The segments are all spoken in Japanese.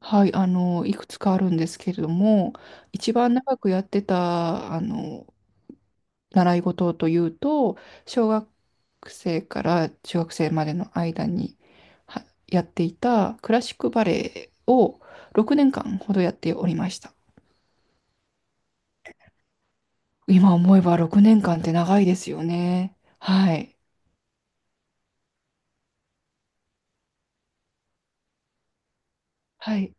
はい、いくつかあるんですけれども、一番長くやってた、習い事というと、小学生から中学生までの間にはやっていたクラシックバレエを6年間ほどやっておりました。今思えば6年間って長いですよね。はい。はい。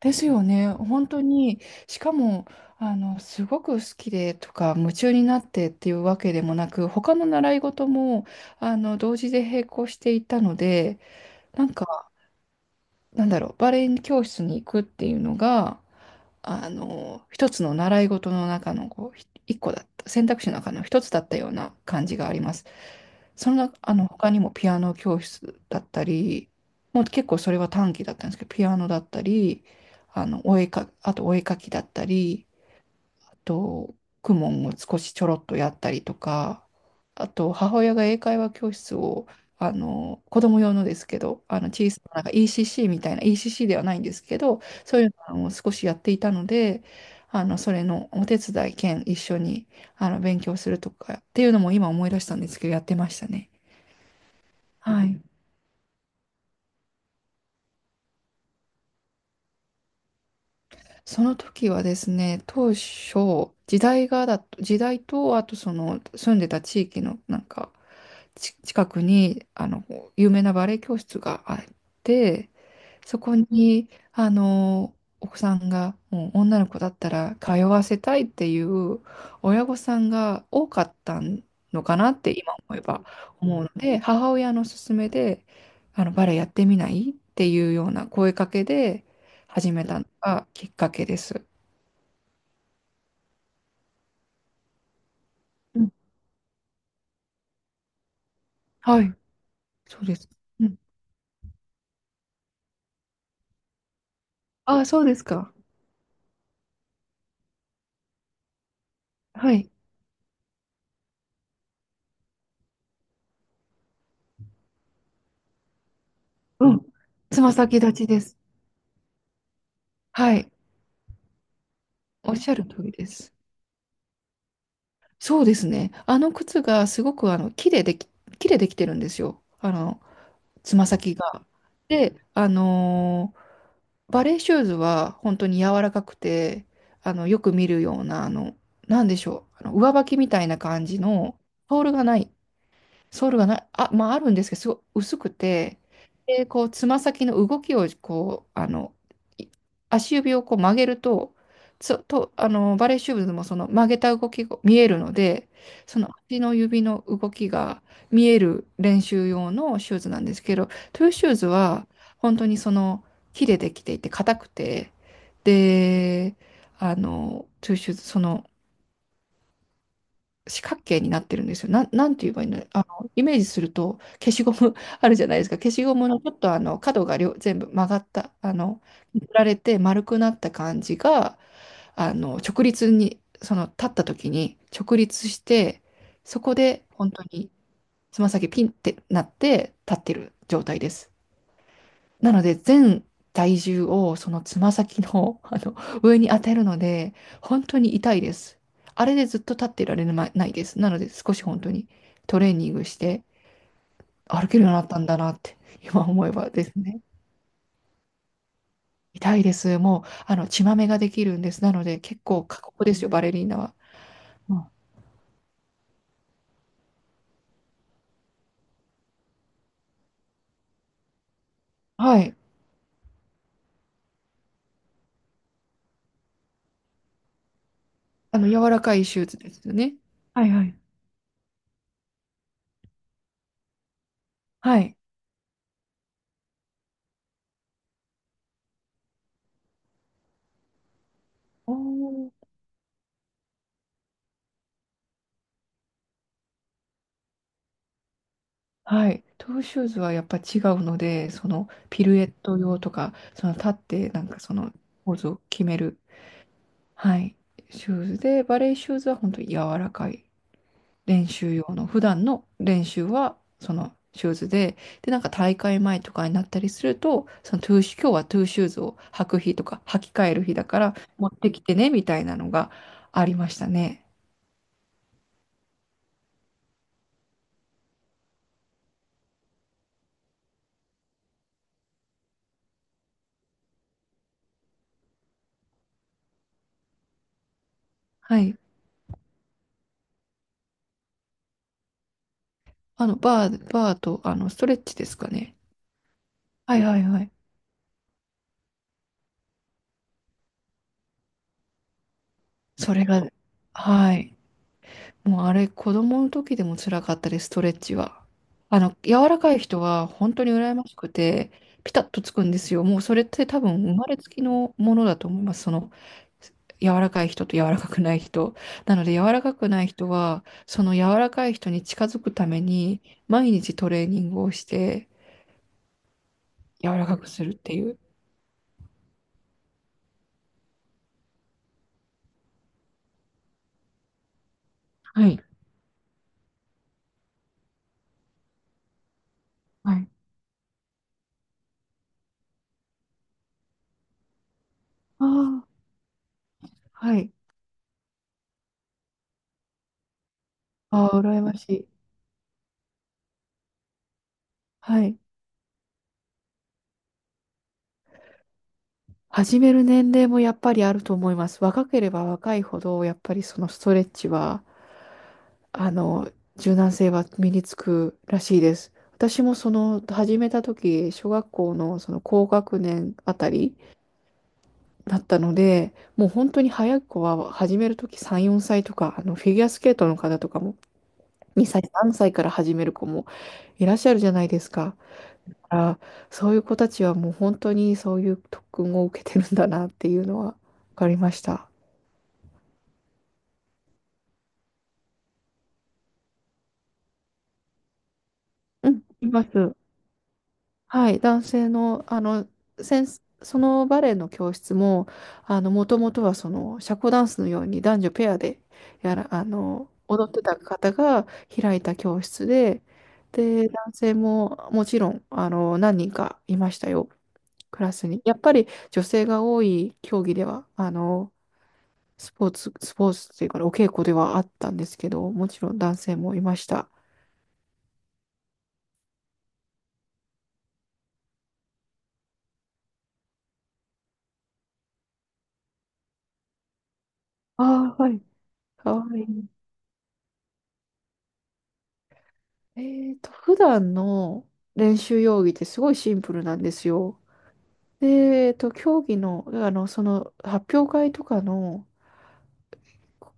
ですよね。本当に、しかも、すごく好きでとか、夢中になってっていうわけでもなく、他の習い事も、同時で並行していたので、なんか、なんだろう、バレエ教室に行くっていうのが、一つの習い事の中の、こう、一個だった、選択肢の中の一つだったような感じがあります。その中、他にもピアノ教室だったり、もう結構それは短期だったんですけど、ピアノだったり、あの、お絵か、あとお絵描きだったり、あと、公文を少しちょろっとやったりとか、あと、母親が英会話教室を、子供用のですけど、小さな、なんか ECC みたいな、ECC ではないんですけど、そういうのを少しやっていたので、それのお手伝い兼一緒に、勉強するとかっていうのも今思い出したんですけど、やってましたね。はい。その時はですね、当初、時代と、あとその住んでた地域のなんか、近くに、有名なバレエ教室があって、そこに、お子さんが、もう女の子だったら通わせたいっていう親御さんが多かったのかなって今思えば思うので、母親の勧めで、バレエやってみないっていうような声かけで始めたのがきっかけです。うん。はい、そうです。うん。ああ、そうですか。はい。うん。つま先立ちです。はい。おっしゃる通りです。そうですね。あの靴がすごくあの木ででき、木でできてるんですよ。あの、つま先が。で、バレーシューズは本当に柔らかくて、よく見るような、なんでしょう、あの上履きみたいな感じの、ソールがない、ソールがない、あ、まああるんですけど、すごい薄くて、で、こう、つま先の動きを、こう、い足指をこう曲げると、つと、あの、バレーシューズもその曲げた動きが見えるので、その足の指の動きが見える練習用のシューズなんですけど、トゥーシューズは、本当にその、木でできていて、硬くて、で、トゥーシューズ、その、四角形になってるんですよ。なんて言えばいいの、イメージすると消しゴム あるじゃないですか。消しゴムのちょっとあの角が両全部曲がった、振られて丸くなった感じが、直立に、その立った時に直立して、そこで本当につま先ピンってなって立ってる状態です。なので、全体重をそのつま先の、あの上に当てるので、本当に痛いです。あれでずっと立ってられなないです。なので、少し本当にトレーニングして歩けるようになったんだなって、今思えばですね。痛いです。もう、血まめができるんです。なので、結構過酷ですよ、バレリーナは。うん。はい。あの、柔らかい手術ですよね。はいはい。はい。おー。はい。トゥーシューズはやっぱ違うので、そのピルエット用とか、その立ってなんかそのポーズを決める、はい、シューズで、バレーシューズは本当に柔らかい練習用の、普段の練習はそのシューズで、で、なんか大会前とかになったりすると、そのトゥーシュ、今日はトゥーシューズを履く日とか、履き替える日だから持ってきてね、みたいなのがありましたね。はい。バーと、ストレッチですかね。はいはいはい。それが、はい。もうあれ、子供の時でも辛かったです、ストレッチは。柔らかい人は本当に羨ましくて、ピタッとつくんですよ。もうそれって多分生まれつきのものだと思います。その、柔らかい人と柔らかくない人。なので、柔らかくない人は、その柔らかい人に近づくために、毎日トレーニングをして、柔らかくするっていう。はい。はい。ああ、はい。ああ、羨ましい。はい。始める年齢もやっぱりあると思います。若ければ若いほど、やっぱりそのストレッチは、あの、柔軟性は身につくらしいです。私もその始めた時、小学校のその高学年あたりだったので、もう本当に早い子は始める時3、4歳とか、あのフィギュアスケートの方とかも2歳、3歳から始める子もいらっしゃるじゃないですか。だからそういう子たちはもう本当にそういう特訓を受けてるんだなっていうのは分かりました。うん、います。はい、男性の、先生そのバレエの教室も、もともとはその、社交ダンスのように男女ペアで、やら、あの、踊ってた方が開いた教室で、で、男性ももちろん、何人かいましたよ、クラスに。やっぱり女性が多い競技では、スポーツっていうか、お稽古ではあったんですけど、もちろん男性もいました。ああ、はい。かわいい。えーと、普段の練習用着ってすごいシンプルなんですよ。で、えーと、競技の、その発表会とかの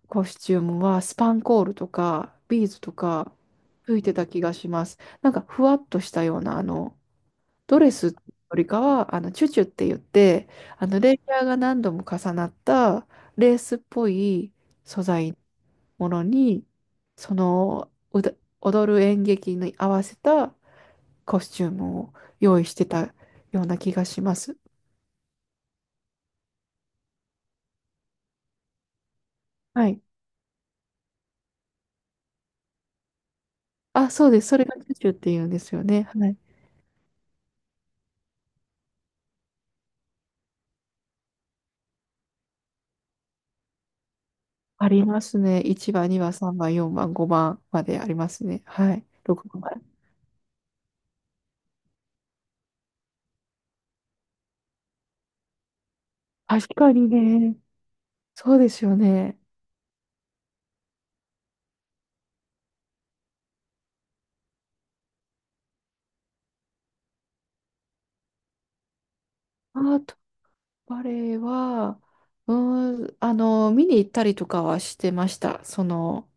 コスチュームはスパンコールとかビーズとか吹いてた気がします。なんかふわっとしたような、ドレスよりかは、チュチュって言って、レイヤーが何度も重なったレースっぽい素材ものに、その、うだ踊る演劇に合わせたコスチュームを用意してたような気がします。はい。あ、そうです。それがチュチュって言うんですよね。はい。ありますね。1番、2番、3番、4番、5番までありますね。はい。6番まで。確かにね。そうですよね。アートバレエは、見に行ったりとかはしてました。その、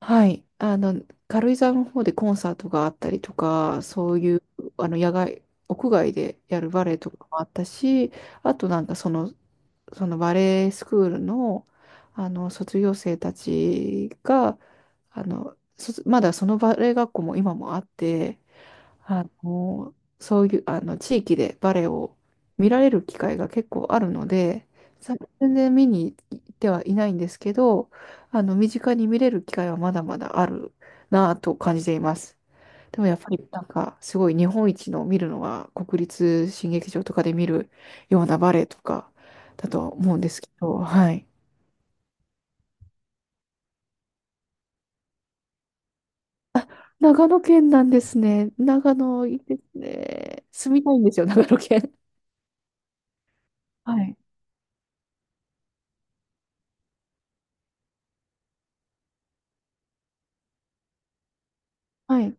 はい。軽井沢の方でコンサートがあったりとか、そういう、野外、屋外でやるバレエとかもあったし、あとなんかその、そのバレエスクールの、あの、卒業生たちが、あの、卒まだそのバレエ学校も今もあって、あの、そういう、地域でバレエを見られる機会が結構あるので、全然見に行ってはいないんですけど、身近に見れる機会はまだまだあるなぁと感じています。でもやっぱりなんか、すごい日本一の見るのは国立新劇場とかで見るようなバレエとかだと思うんですけど、はい。長野県なんですね。長野いいですね。住みたいんですよ、長野県。はい。はい。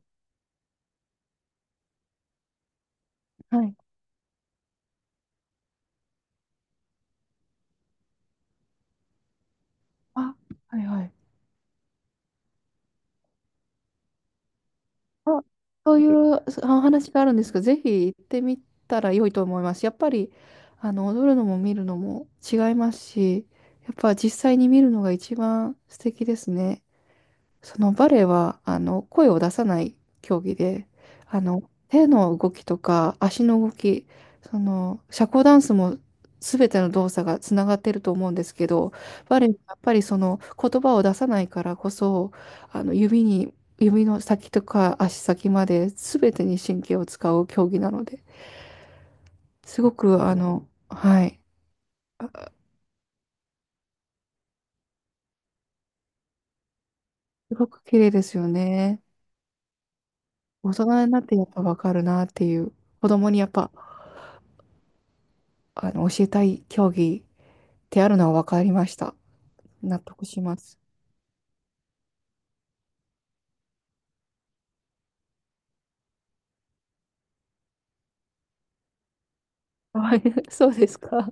はい。あ、はいはい。あそういうお話があるんですけど、ぜひ行ってみたら良いと思います。やっぱり、踊るのも見るのも違いますし、やっぱ実際に見るのが一番素敵ですね。そのバレエはあの声を出さない競技で、あの手の動きとか足の動き、その社交ダンスも全ての動作がつながってると思うんですけど、バレエはやっぱりその言葉を出さないからこそ、あの指に指の先とか足先まで全てに神経を使う競技なので、すごくあの、はい、あ、すごく綺麗ですよね。大人になってやっぱわかるなっていう、子供にやっぱ教えたい競技ってあるのは分かりました。納得します。はい、そうですか。